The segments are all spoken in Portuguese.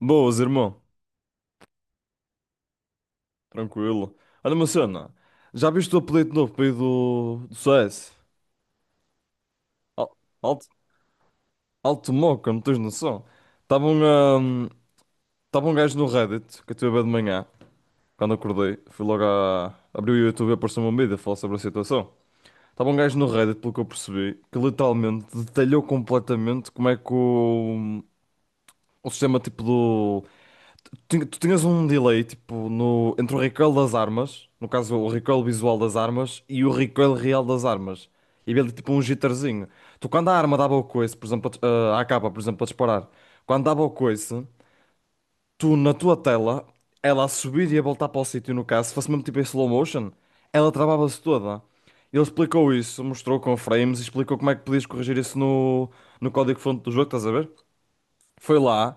Boas, irmão. Tranquilo. Olha, uma cena. Já viste o apelido novo para aí do CS? Al- Alto, alto moca, não tens noção? Estava um, ahm, Tava um gajo no Reddit, que eu estive a ver de manhã, quando acordei. Abri o YouTube e apareceu uma mídia a falar sobre a situação. Estava um gajo no Reddit, pelo que eu percebi, que literalmente detalhou completamente como é que o sistema tipo do tu tinhas um delay tipo no entre o recoil das armas, no caso o recoil visual das armas e o recoil real das armas. E havia ali tipo um jitterzinho. Tu quando a arma dava o coice, por exemplo, a capa, por exemplo, a disparar, quando dava o coice, tu na tua tela, ela a subir e a voltar para o sítio, no caso, se fosse mesmo tipo em slow motion, ela travava-se toda. Ele explicou isso, mostrou com frames e explicou como é que podias corrigir isso no código-fonte do jogo, estás a ver? Foi lá.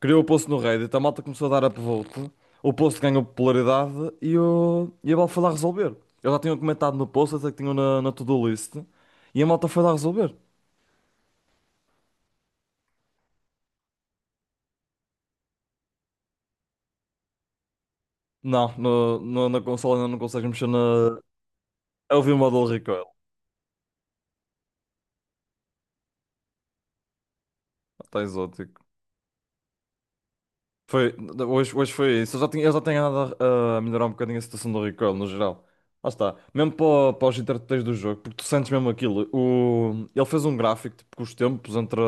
Criou o post no Reddit, a malta começou a dar upvote, o post ganhou popularidade e a malta foi lá resolver. Eu já tinha comentado no post, até que tinha na to-do list, e a malta foi lá resolver. Não, na consola ainda não consegues mexer na. Eu vi o model recoil, está exótico. Foi, hoje foi isso, eu já tenho andado a melhorar um bocadinho a situação do recoil no geral. Lá está, mesmo para os interpretadores do jogo, porque tu sentes mesmo aquilo. O, ele fez um gráfico tipo, com os tempos entre.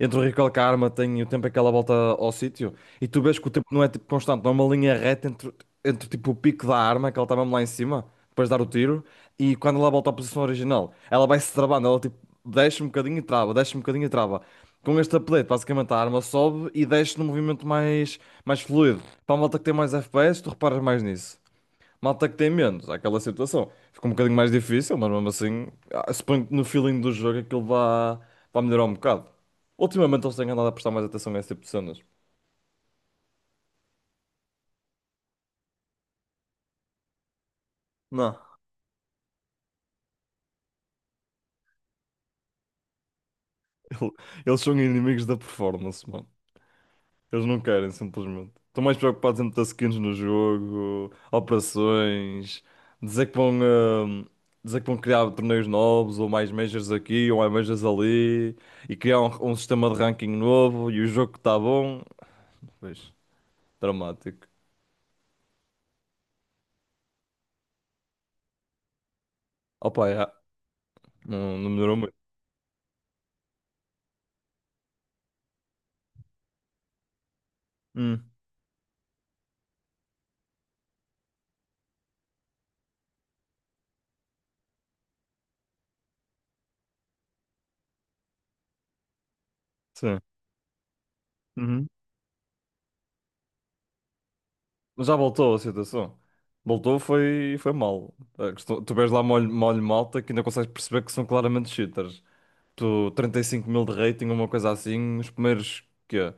Entre o Recall Karma tem o tempo aquela volta ao sítio e tu vês que o tempo não é tipo constante, não é uma linha reta entre, entre tipo o pico da arma, que ela estava mesmo lá em cima, depois de dar o tiro, e quando ela volta à posição original, ela vai se travando, ela tipo desce um bocadinho e trava, desce um bocadinho e trava. Com este update, basicamente a arma sobe e desce num movimento mais fluido. Para a malta que tem mais FPS, tu reparas mais nisso. Malta que tem menos, há aquela situação. Ficou um bocadinho mais difícil, mas mesmo assim, ah, suponho que no feeling do jogo aquilo vá melhorar um bocado. Ultimamente eles têm andado a prestar mais atenção a esse tipo de cenas. Não, ele- eles são inimigos da performance, mano. Eles não querem, simplesmente. Estão mais preocupados em meter skins no jogo, operações, dizer que vão, ah, dizer que vão criar torneios novos, ou mais majors aqui, ou mais majors ali, e criar um sistema de ranking novo, e o jogo que está bom. Pois, dramático. Opa, já. Não, não melhorou muito. Hum. Sim. Uhum. Mas já voltou a situação. Voltou, foi mal. É, que tu vês lá molho, molho malta que ainda consegues perceber que são claramente cheaters. Tu, 35.000 de rating, uma coisa assim, os primeiros, quê?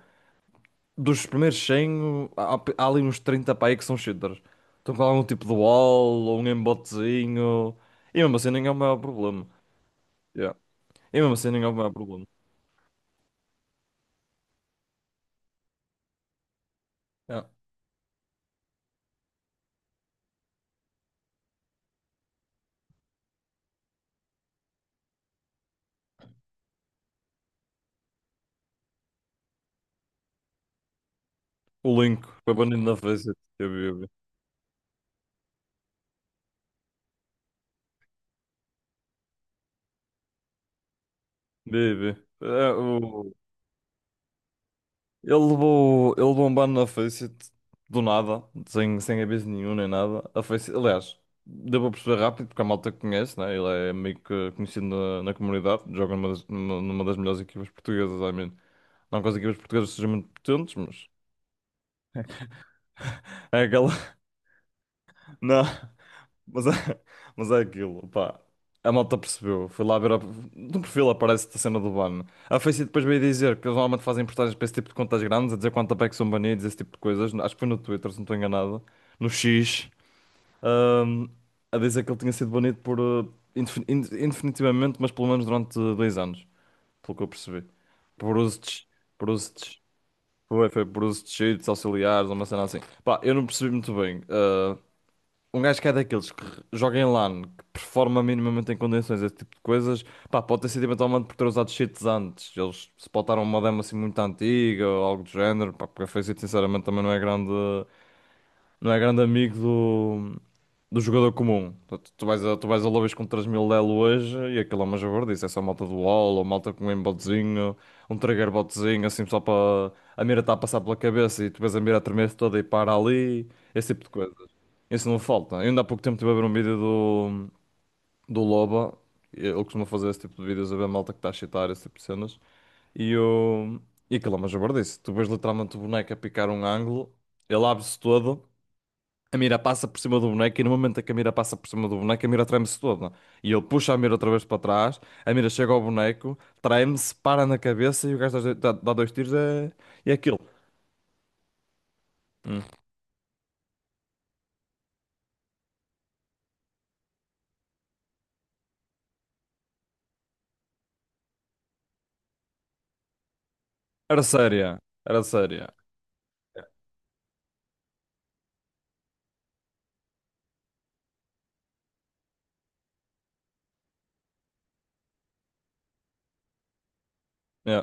Dos primeiros 100, há ali uns 30 para aí que são cheaters. Estão com algum tipo de wall, ou um embotezinho. E mesmo assim nem é o maior problema. Yeah. E mesmo assim nem é o maior problema. Yeah. O Link foi banido na face. Vive. É, o- ele levou um ban na Faceit do nada, sem aviso nenhum nem nada. A Faceit, aliás, deu para perceber rápido, porque a malta que conhece, né? Ele é meio que conhecido na comunidade, joga numa das melhores equipas portuguesas, I mean. Não que as equipas portuguesas sejam muito potentes, mas é aquela. Não. Mas é, mas é aquilo, pá. A malta percebeu. Foi lá ver. A... No perfil aparece-te a cena do ban. A Faceit depois veio dizer que eles normalmente fazem portagens para esse tipo de contas grandes, a dizer quanto é que são banidos, esse tipo de coisas. Acho que foi no Twitter, se não estou enganado. No X. ahm, a dizer que ele tinha sido banido por, indefinitivamente, mas pelo menos durante 2 anos. Pelo que eu percebi. Por uso de. Por uso de foi, foi por uso de cheats auxiliares, uma cena assim. Pá, eu não percebi muito bem. Um gajo que é daqueles que joga em LAN, que performa minimamente em condições, esse tipo de coisas, pá, pode ter sido eventualmente por ter usado cheats antes. Eles se botaram uma demo assim muito antiga ou algo do género, pá, porque a FaZe sinceramente também não é grande amigo do jogador comum. Tu vais a lobbies com 3.000 elo hoje e aquilo é uma javardice, é só malta do wall ou malta com um aimbotzinho, um trigger botzinho, assim só para a mira está a passar pela cabeça e tu vês a mira a tremer toda e para ali, esse tipo de coisa. Isso não falta. Eu ainda há pouco tempo estive a ver um vídeo do Loba. Ele costuma fazer esse tipo de vídeos, a ver malta que está a chitar, esse tipo de cenas. E, eu... e aquilo é uma jabardice. Tu vês literalmente o boneco a picar um ângulo, ele abre-se todo, a mira passa por cima do boneco e no momento em que a mira passa por cima do boneco, a mira treme-se toda. E ele puxa a mira outra vez para trás, a mira chega ao boneco, treme-se, para na cabeça e o gajo dá dois tiros e é... é aquilo. Hum. Era séria. Era séria. Yeah,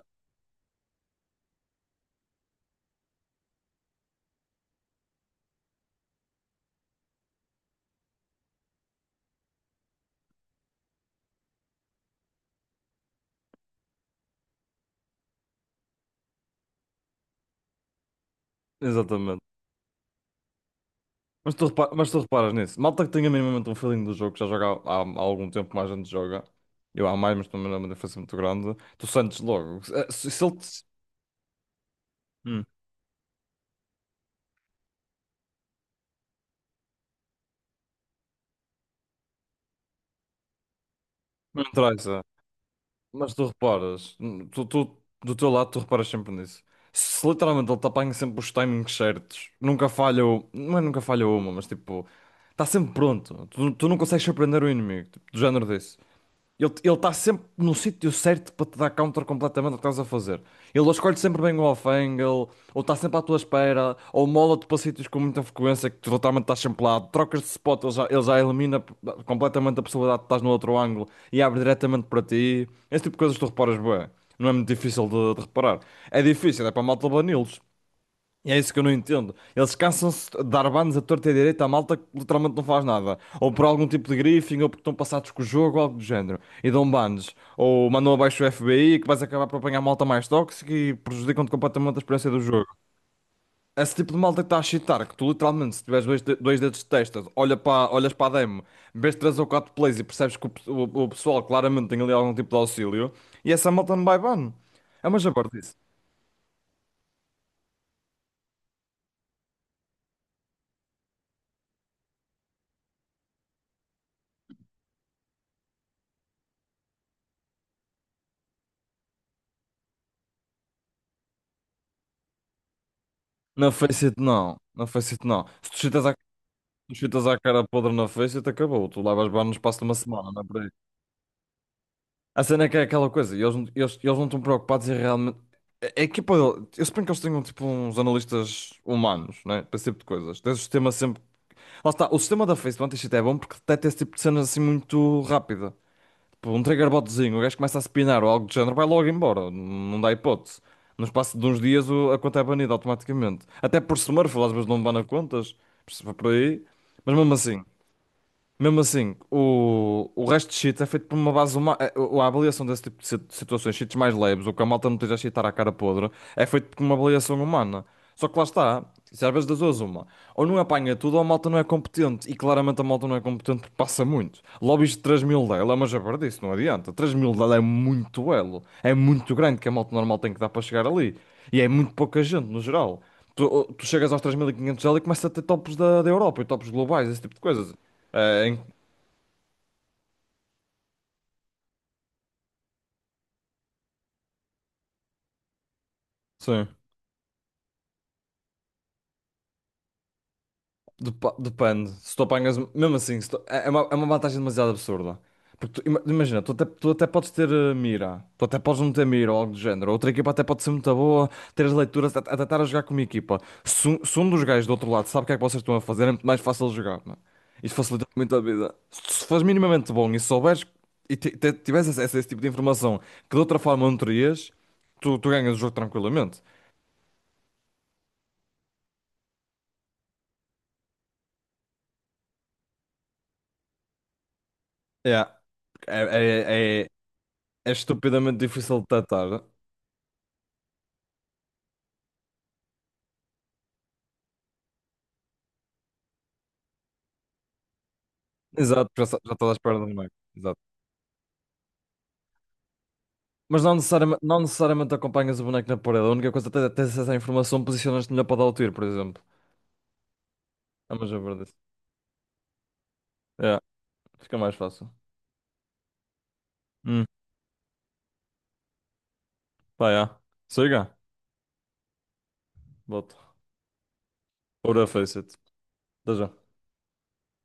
exatamente. Mas tu reparas nisso. Malta que tenha minimamente um feeling do jogo, que já joga há algum tempo, mais gente joga. Eu há mais, mas também não é uma diferença muito grande. Tu sentes logo. Eh, Se ele te. Hum. Não interessa. Mas tu reparas. Do teu lado, tu reparas sempre nisso. Se literalmente ele te apanha sempre os timings certos. Nunca falha. Não é nunca falha uma, mas tipo. Está sempre pronto. Tu não consegues surpreender o inimigo. Tipo, do género disso. Ele está sempre no sítio certo para te dar counter completamente o que estás a fazer. Ele escolhe sempre bem o off-angle, ou está sempre à tua espera, ou mola-te para sítios com muita frequência que tu totalmente estás sempre lá. Trocas de spot, ele já elimina completamente a possibilidade de estás no outro ângulo e abre diretamente para ti. Esse tipo de coisas tu reparas bem. Não é muito difícil de reparar. É difícil, é para malta banilos. E é isso que eu não entendo. Eles cansam-se de dar bans a torta e à direita à malta que literalmente não faz nada. Ou por algum tipo de griefing, ou porque estão passados com o jogo, ou algo do género. E dão bans. Ou mandam abaixo o FBI, que vais acabar por apanhar malta mais tóxica e prejudicam-te completamente a experiência do jogo. Esse tipo de malta que está a chitar, que tu literalmente, se tiveres dois dedos de testa, olhas para a demo, vês três ou quatro plays e percebes que o pessoal claramente tem ali algum tipo de auxílio, e essa malta não vai ban. É uma jabardice. Na Faceit não, na Faceit não. Se tu chitas os fitas à cara podre na face e te acabou. Tu levas banho no espaço de uma semana, não é por aí. A cena é que é aquela coisa, e eles, não- eles não estão preocupados em realmente. A equipa, eu suponho que eles tenham tipo uns analistas humanos, né? Para esse tipo de coisas. Tem o sistema sempre. Lá está, o sistema da Face do anti-cheat é bom porque detecta esse tipo de cenas assim muito rápida. Tipo, um triggerbotzinho, o gajo começa a spinar ou algo do género, vai logo embora. Não dá hipótese. No espaço de uns dias o- a conta é banida automaticamente. Até por Smurf, às vezes não bana contas, por aí. Mas mesmo assim. Mesmo assim, o resto de cheats é feito por uma base humana. A avaliação desse tipo de si- situações, cheats mais leves, ou que a malta não esteja a cheatar à cara podre, é feito por uma avaliação humana. Só que lá está, isso às vezes das duas uma. Ou não apanha tudo, ou a malta não é competente. E claramente a malta não é competente porque passa muito. Lobbies de 3.000 dela é uma jabardice, não adianta. 3.000 dela é muito elo. É muito grande que a malta normal tem que dar para chegar ali. E é muito pouca gente, no geral. Tu, tu chegas aos 3.500 dela e 500 elo e começas a ter tops da, da Europa e tops globais, esse tipo de coisas. É, em- sim. Depende. Se tu apanhas. Mesmo assim, se tu- é é uma vantagem demasiado absurda. Porque tu ima- imagina, tu até podes não ter mira ou algo do género. Outra equipa até pode ser muito boa, ter as leituras, até estar a jogar com uma equipa. Se um dos gajos do outro lado sabe o que é que vocês estão a fazer, é muito mais fácil de jogar, mano. Isto facilita muito a vida. Se fores minimamente bom e souberes e tiveres acesso a esse tipo de informação que de outra forma não terias, tu ganhas o jogo tranquilamente. É, é, é. É estupidamente difícil de detectar. Exato, já, sa- já estás à espera do boneco. Exato. Mas não necessariamente, não necessariamente acompanhas o boneco na parede. A única coisa é ter acesso à informação, posicionas-te melhor para dar o tiro, por exemplo. É a verdade. É, fica mais fácil. Hum, pá, já. Siga. Volto. Ora, Face it. Até já.